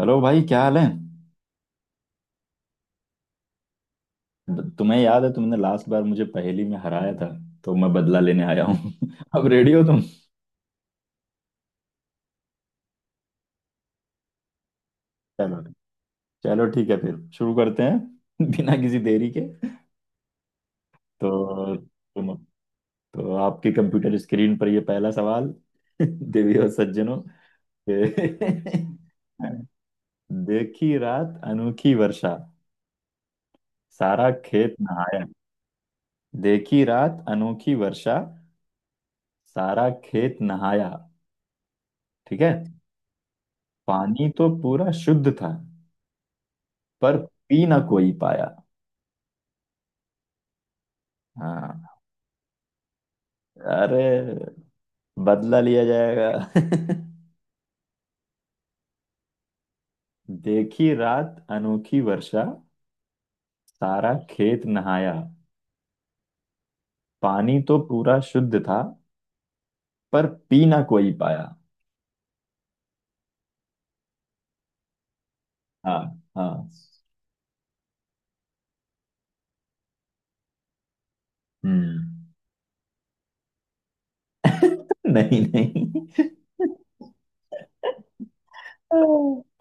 Hello भाई क्या हाल है। तुम्हें याद है तुमने लास्ट बार मुझे पहेली में हराया था, तो मैं बदला लेने आया हूँ। अब रेडी हो तुम। चलो चलो ठीक है फिर शुरू करते हैं बिना किसी देरी के। तो तुम तो आपके कंप्यूटर स्क्रीन पर ये पहला सवाल। देवी और सज्जनों। देखी रात अनोखी वर्षा। सारा खेत नहाया। देखी रात अनोखी वर्षा। सारा खेत नहाया। ठीक है। पानी तो पूरा शुद्ध था पर पी ना कोई पाया। हाँ। अरे बदला लिया जाएगा। देखी रात अनोखी वर्षा। सारा खेत नहाया। पानी तो पूरा शुद्ध था पर पी ना कोई पाया। हाँ हाँ। हम्म। नहीं नहीं,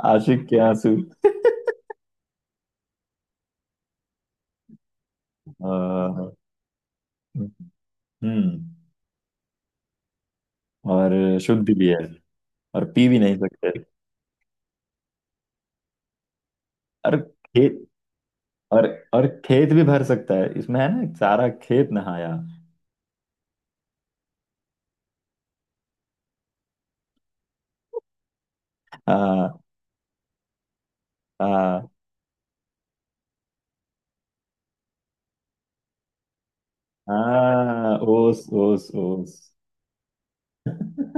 आशिक के आंसू। अ, हम्म और शुद्ध भी है और पी भी नहीं सकते। और खेत। और और खेत भी भर सकता है इसमें, है ना? सारा खेत नहाया। हाँ। हाँ हाँ, ओस ओस ओस।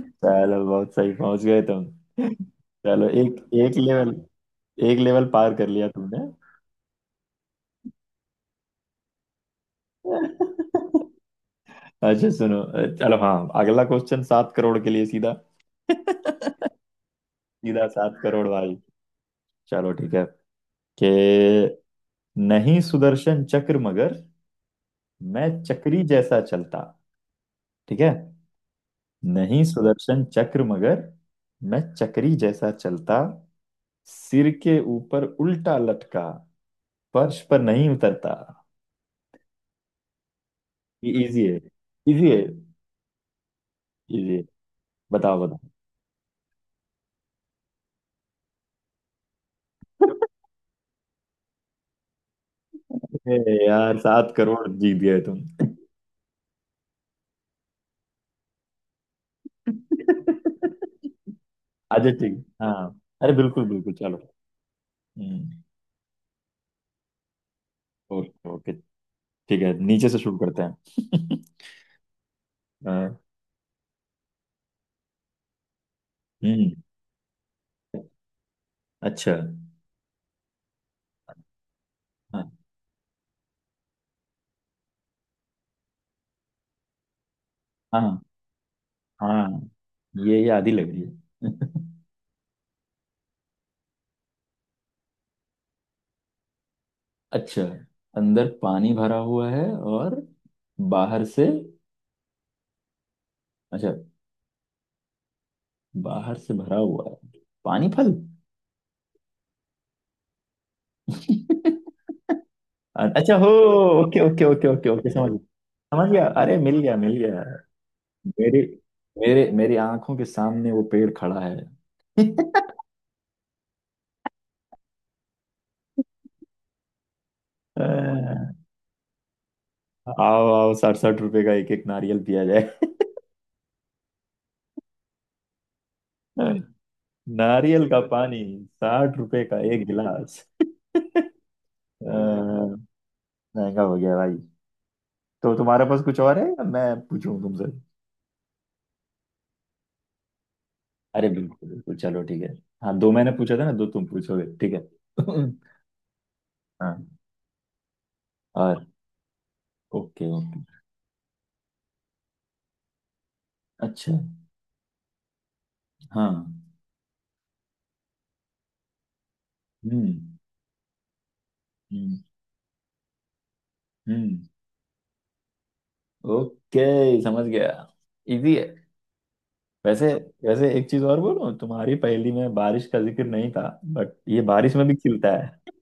चलो बहुत सही पहुंच गए तुम। चलो एक एक लेवल एक लेवल पार कर लिया तुमने। अच्छा सुनो। चलो हाँ। अगला क्वेश्चन 7 करोड़ के लिए सीधा। सीधा 7 करोड़ भाई। चलो ठीक है कि नहीं, सुदर्शन चक्र मगर मैं चक्री जैसा चलता। ठीक है। नहीं सुदर्शन चक्र मगर मैं चक्री जैसा चलता। सिर के ऊपर उल्टा लटका, फर्श पर नहीं उतरता। ये इजी है। इजी है। इजी है। बताओ बताओ। ए यार 7 करोड़ जीत गए तुम। अच्छा ठीक है, हाँ अरे बिल्कुल बिल्कुल चलो। हम्म। Okay okay. ठीक है नीचे से शुरू करते हैं। हाँ। हम्म। अच्छा। हाँ हाँ। हाँ ये आधी लग रही है। अच्छा। अंदर पानी भरा हुआ है और बाहर से, अच्छा, बाहर से भरा हुआ है, पानी फल। अच्छा हो। Okay okay okay okay okay. समझ समझ गया। अरे मिल गया मिल गया। मेरी मेरी आंखों के सामने वो पेड़ खड़ा है। अ, आओ आओ, 67 रुपए का एक एक नारियल पिया जाए। नारियल का पानी। 60 रुपए का एक गिलास। अ, महंगा हो गया भाई। तो तुम्हारे पास कुछ और है या मैं पूछूं तुमसे? अरे बिल्कुल बिल्कुल चलो ठीक है। हाँ दो मैंने पूछा था ना, दो तुम पूछोगे, ठीक है। हाँ। और ओके। अच्छा। हाँ। हम्म। हम्म। हम्म। ओके समझ गया। इजी है। वैसे वैसे एक चीज और बोलूं, तुम्हारी पहेली में बारिश का जिक्र नहीं था, बट ये बारिश में भी खिलता है।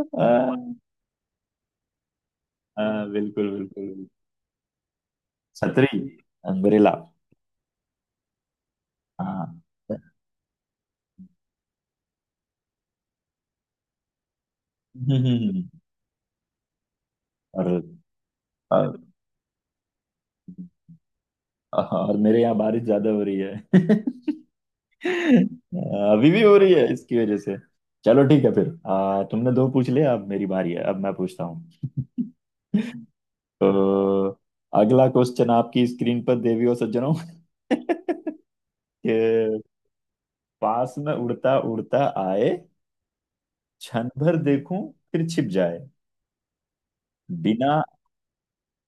हाँ हाँ, बिल्कुल बिल्कुल बिल्कुल। छतरी। अम्ब्रेला। हाँ। हम्म, और और और मेरे यहाँ बारिश ज्यादा हो रही है। हाँ, अभी भी हो रही है इसकी वजह से। चलो ठीक है फिर। तुमने दो पूछ लिया, अब मेरी बारी है, अब मैं पूछता हूँ। तो अगला क्वेश्चन आपकी स्क्रीन पर, देवियों सज्जनों। के पास में उड़ता उड़ता आए, क्षण भर देखूं फिर छिप जाए, बिना।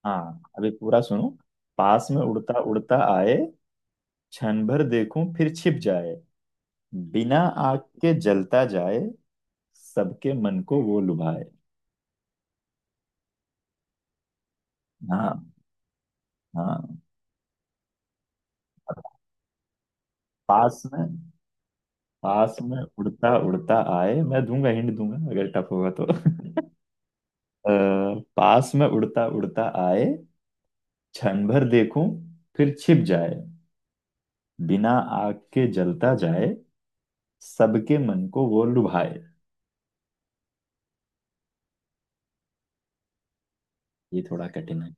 हाँ अभी पूरा सुनो। पास में उड़ता उड़ता आए, क्षण भर देखूं फिर छिप जाए, बिना आग के जलता जाए, सबके मन को वो लुभाए। हाँ हाँ। और पास में पास में उड़ता उड़ता आए। मैं दूंगा हिंट दूंगा अगर टफ होगा तो। पास में उड़ता उड़ता आए, क्षण भर देखूं फिर छिप जाए, बिना आग के जलता जाए, सबके मन को वो लुभाए। ये थोड़ा कठिन है।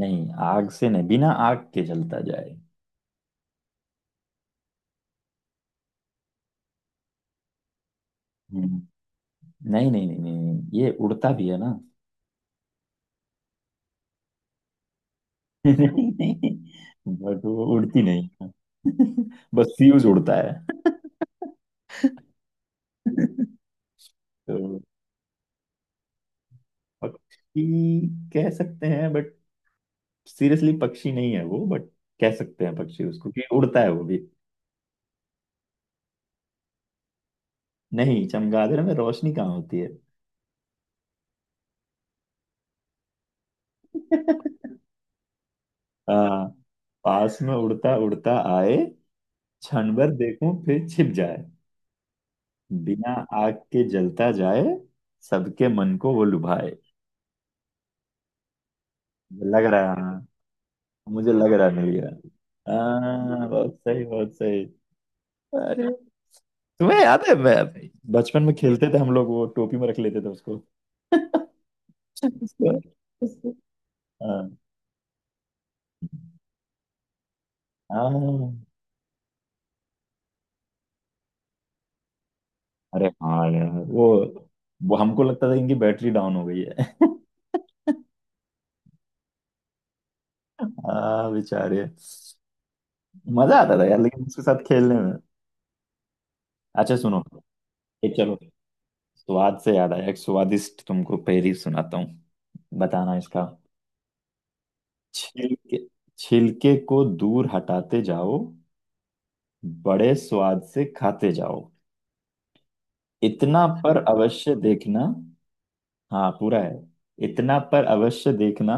नहीं, आग से नहीं, बिना आग के जलता जाए। हम्म। नहीं नहीं नहीं नहीं नहीं, ये उड़ता भी है ना। नहीं नहीं, बट वो उड़ती नहीं है। बस फ्यूज उड़ता है। तो पक्षी कह सकते हैं बट सीरियसली पक्षी नहीं है वो, बट कह सकते हैं पक्षी उसको कि उड़ता है वो भी। नहीं, चमगादड़ में रोशनी कहाँ होती है? हाँ। पास में उड़ता उड़ता आए, क्षण भर देखूं फिर छिप जाए, बिना आग के जलता जाए, सबके मन को वो लुभाए। लग रहा है। हाँ मुझे लग रहा है मिल गया। हाँ बहुत सही बहुत सही। अरे। तुम्हें याद है बचपन में खेलते थे हम लोग, वो टोपी में रख लेते थे उसको। उसको- उसको- हाँ हाँ। अरे हाँ यार वो हमको लगता था इनकी बैटरी डाउन हो गई है। हाँ बेचारे। मजा आता था यार लेकिन उसके साथ खेलने में। अच्छा सुनो। ये चलो, स्वाद से याद आया, एक स्वादिष्ट तुमको पहेली सुनाता हूँ। बताना इसका। छिलके छिलके को दूर हटाते जाओ, बड़े स्वाद से खाते जाओ, इतना पर अवश्य देखना। हाँ पूरा है। इतना पर अवश्य देखना,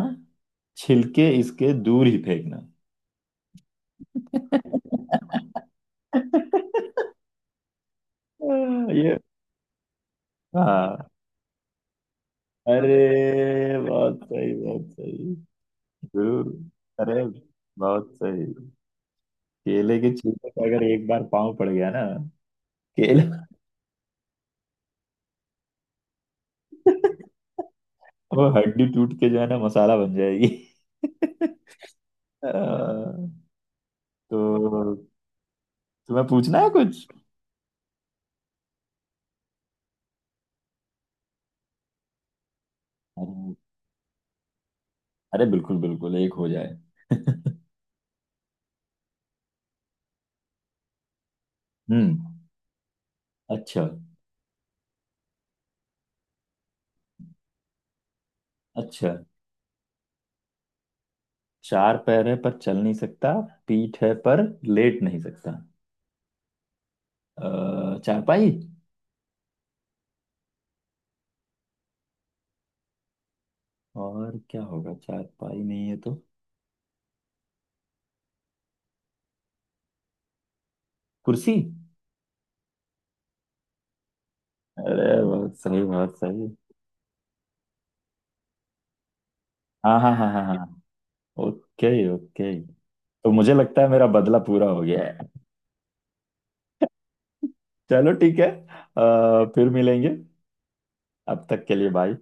छिलके इसके दूर ही फेंकना। ये हाँ, अरे बहुत सही बहुत सही। जरूर। अरे बहुत सही। केले के छिलके पे अगर एक बार पाँव पड़ गया ना, केला। वो हड्डी टूट के जो है ना, मसाला बन जाएगी। अ, तो तुम्हें पूछना है कुछ? अरे अरे बिल्कुल बिल्कुल एक हो जाए। हम्म। अच्छा अच्छा। चार पैर है पर चल नहीं सकता, पीठ है पर लेट नहीं सकता। चारपाई। और क्या होगा चारपाई नहीं है तो? कुर्सी। अरे बहुत सही बहुत सही। हाँ हाँ हाँ हाँ हाँ। Okay okay. तो मुझे लगता है मेरा बदला पूरा हो गया है। चलो ठीक है। फिर मिलेंगे। अब तक के लिए बाय।